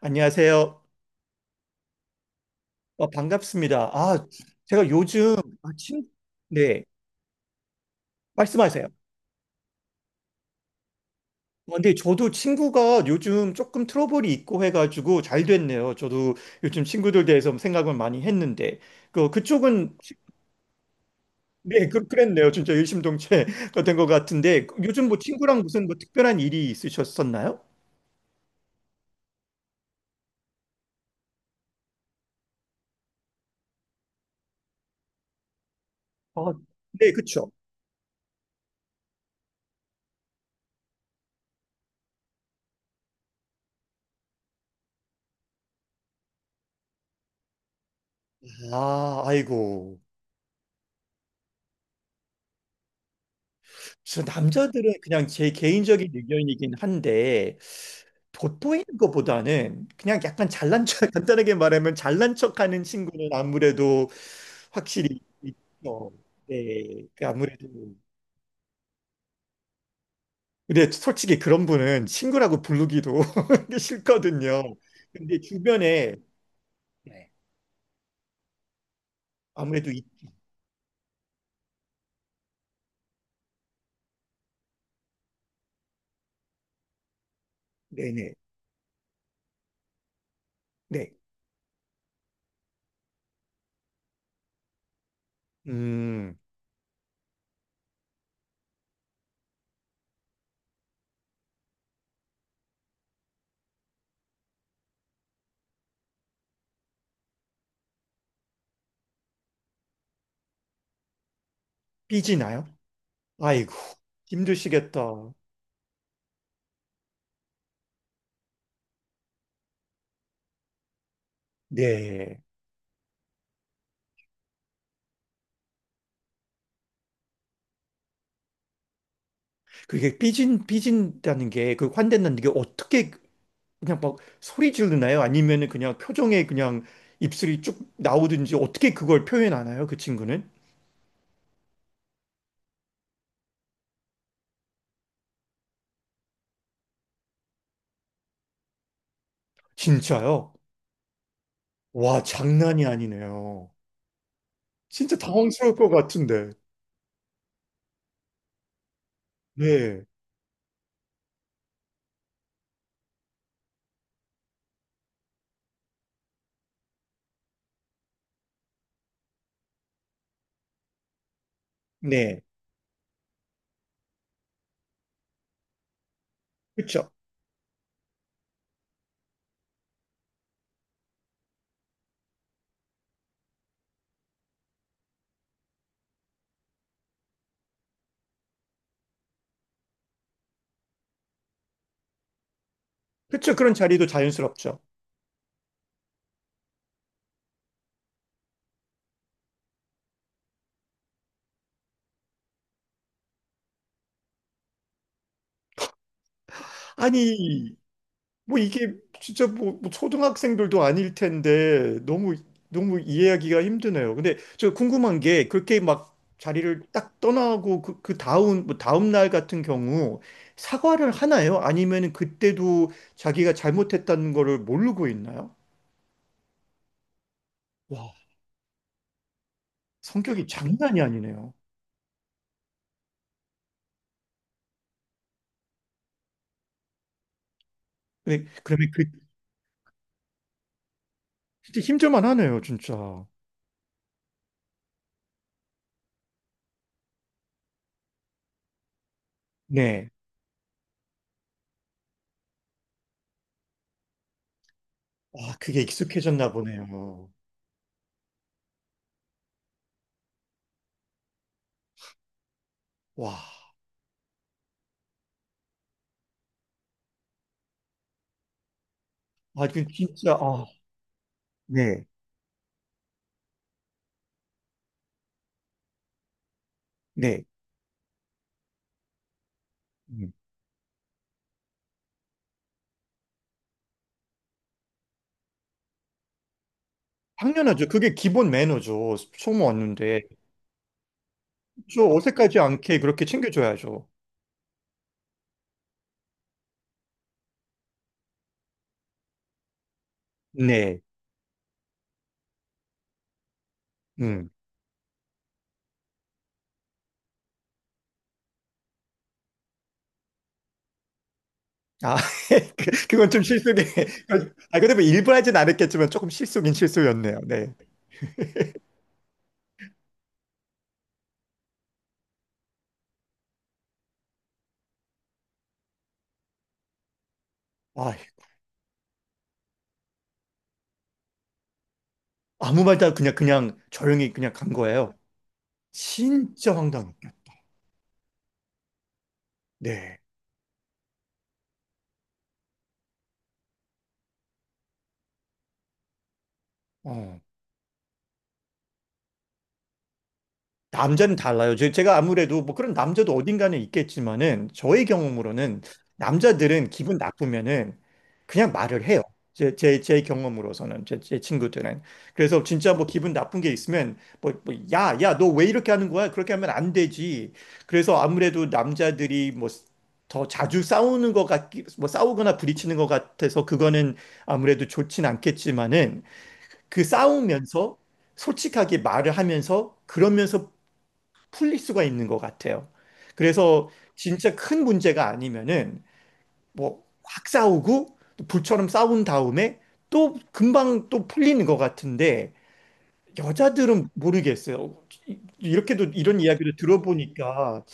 안녕하세요. 반갑습니다. 제가 요즘, 아, 친, 네, 말씀하세요. 근데 저도 친구가 요즘 조금 트러블이 있고 해가지고 잘 됐네요. 저도 요즘 친구들 대해서 뭐 생각을 많이 했는데, 그쪽은, 네, 그랬네요. 진짜 일심동체가 된 것 같은데, 요즘 뭐 친구랑 무슨 뭐 특별한 일이 있으셨었나요? 아, 네, 그쵸. 아, 아이고. 그래서 남자들은 그냥 제 개인적인 의견이긴 한데 돋보이는 것보다는 그냥 약간 잘난 척 간단하게 말하면 잘난 척하는 친구는 아무래도 확실히 있죠. 네, 그 아무래도 근데 솔직히 그런 분은 친구라고 부르기도 싫거든요. 근데 주변에 네. 아무래도 있. 네네 네. 네. 음 삐지나요? 아이고, 힘드시겠다. 네. 그게 삐진다는 게, 그 환대는 게 어떻게 그냥 막 소리 지르나요? 아니면은 그냥 표정에 그냥 입술이 쭉 나오든지 어떻게 그걸 표현하나요? 그 친구는? 진짜요? 와, 장난이 아니네요. 진짜 당황스러울 것 같은데. 네. 네. 그쵸. 그쵸. 그런 자리도 자연스럽죠. 아니, 뭐 이게 진짜 뭐 초등학생들도 아닐 텐데 너무 너무 이해하기가 힘드네요. 근데 저 궁금한 게 그렇게 막 자리를 딱 떠나고 그 다음 뭐 다음 날 같은 경우 사과를 하나요? 아니면 그때도 자기가 잘못했다는 거를 모르고 있나요? 와, 성격이 장난이 아니네요. 근데 그러면 그, 진짜 힘들만 하네요, 진짜. 네. 아, 그게 익숙해졌나 보네요. 와, 아, 진짜 아, 네, 네. 음. 당연하죠. 그게 기본 매너죠. 처음 왔는데. 저 어색하지 않게 그렇게 챙겨줘야죠. 네. 음. 아, 그건 좀 실속이. 아, 근데 뭐 일부러 하진 않았겠지만 조금 실속인 실수였네요. 네. 아, 아무 말도 그냥 조용히 그냥 간 거예요. 진짜 황당했다. 네. 어. 남자는 달라요. 제가 아무래도 뭐 그런 남자도 어딘가는 있겠지만은 저의 경험으로는 남자들은 기분 나쁘면은 그냥 말을 해요. 제 경험으로서는 제 친구들은 그래서 진짜 뭐 기분 나쁜 게 있으면 뭐 야, 야, 너 왜 이렇게 하는 거야? 그렇게 하면 안 되지. 그래서 아무래도 남자들이 뭐 더 자주 싸우는 것 같기, 뭐 싸우거나 부딪히는 것 같아서 그거는 아무래도 좋진 않겠지만은 그 싸우면서 솔직하게 말을 하면서 그러면서 풀릴 수가 있는 것 같아요. 그래서 진짜 큰 문제가 아니면은 뭐 확 싸우고 또 불처럼 싸운 다음에 또 금방 또 풀리는 것 같은데 여자들은 모르겠어요. 이렇게도 이런 이야기를 들어보니까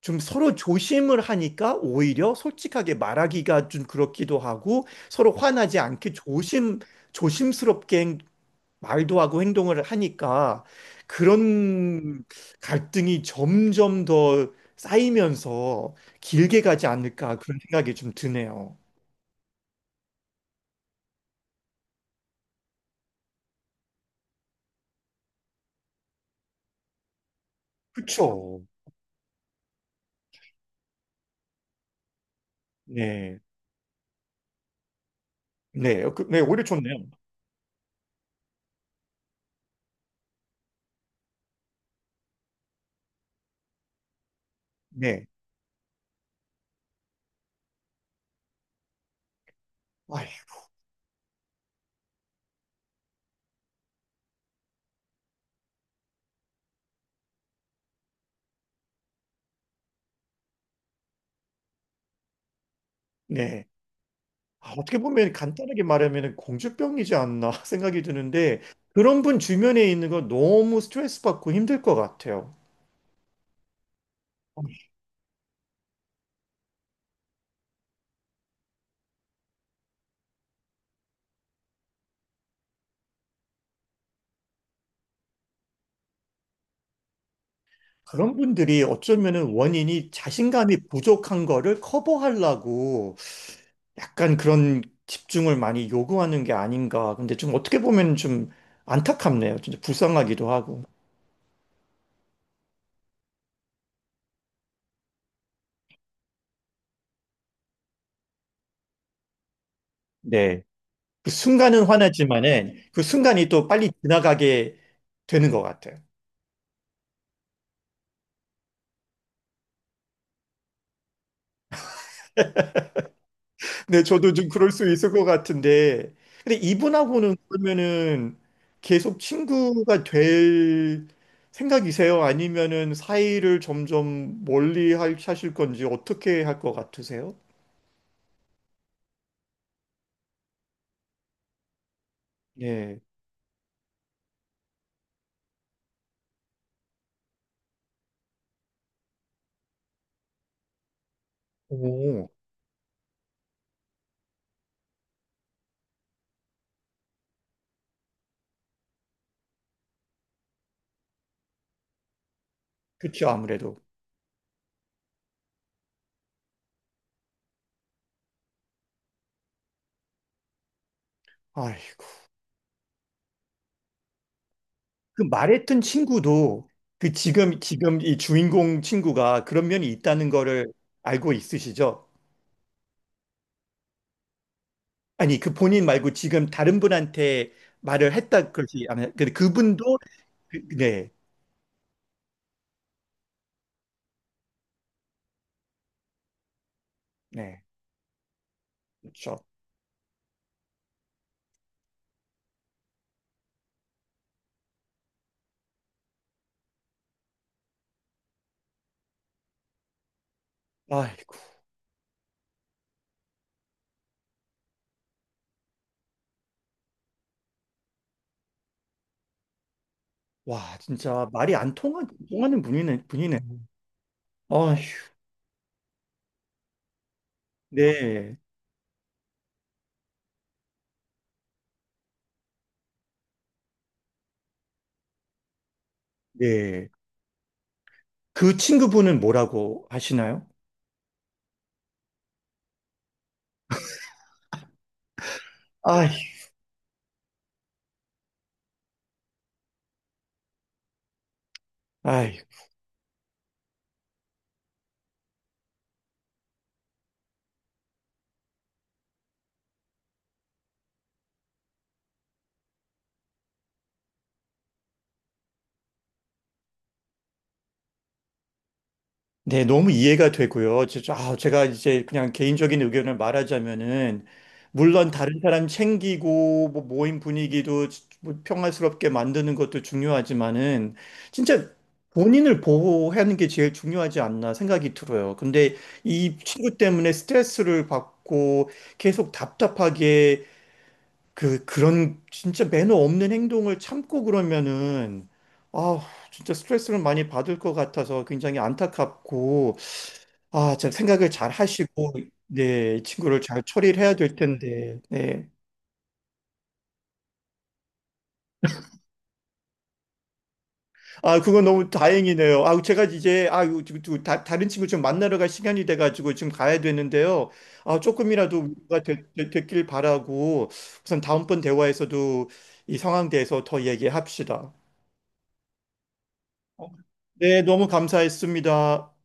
좀 서로 조심을 하니까 오히려 솔직하게 말하기가 좀 그렇기도 하고 서로 화나지 않게 조심스럽게 말도 하고 행동을 하니까 그런 갈등이 점점 더 쌓이면서 길게 가지 않을까 그런 생각이 좀 드네요. 그쵸? 네. 네. 네. 오히려 좋네요. 네. 아휴, 네. 아, 어떻게 보면 간단하게 말하면 공주병이지 않나 생각이 드는데 그런 분 주변에 있는 거 너무 스트레스 받고 힘들 것 같아요. 그런 분들이 어쩌면은 원인이 자신감이 부족한 거를 커버하려고 약간 그런 집중을 많이 요구하는 게 아닌가. 근데 좀 어떻게 보면 좀 안타깝네요. 진짜 불쌍하기도 하고. 네. 그 순간은 화나지만은 그 순간이 또 빨리 지나가게 되는 것 같아요. 네, 저도 좀 그럴 수 있을 것 같은데. 근데 이분하고는 그러면은 계속 친구가 될 생각이세요? 아니면은 사이를 점점 멀리 하실 건지 어떻게 할 것 같으세요? 네. 오, 그렇죠. 아무래도. 아휴. 그 말했던 친구도 그 지금 이 주인공 친구가 그런 면이 있다는 거를 알고 있으시죠? 아니 그 본인 말고 지금 다른 분한테 말을 했다 그러지 않아요? 근데 그분도 네, 네, 그렇죠. 아이고, 와 진짜 말이 안 통하는 분이네, 분이네. 아휴, 네, 네. 그 친구분은 뭐라고 하시나요? 아휴, 아휴. 네, 너무 이해가 되고요. 아, 제가 이제 그냥 개인적인 의견을 말하자면은, 물론 다른 사람 챙기고, 뭐 모임 분위기도 뭐 평화스럽게 만드는 것도 중요하지만은, 진짜 본인을 보호하는 게 제일 중요하지 않나 생각이 들어요. 근데 이 친구 때문에 스트레스를 받고 계속 답답하게 그런 진짜 매너 없는 행동을 참고 그러면은, 아, 진짜 스트레스를 많이 받을 것 같아서 굉장히 안타깝고, 아, 참 생각을 잘 하시고, 네, 이 친구를 잘 처리를 해야 될 텐데, 네. 아, 그건 너무 다행이네요. 아, 제가 이제, 아, 이거 지금 또 다른 친구 좀 만나러 갈 시간이 돼가지고 지금 가야 되는데요. 아, 조금이라도 위로가 됐길 바라고, 우선 다음번 대화에서도 이 상황에 대해서 더 얘기합시다. 어, 네, 너무 감사했습니다.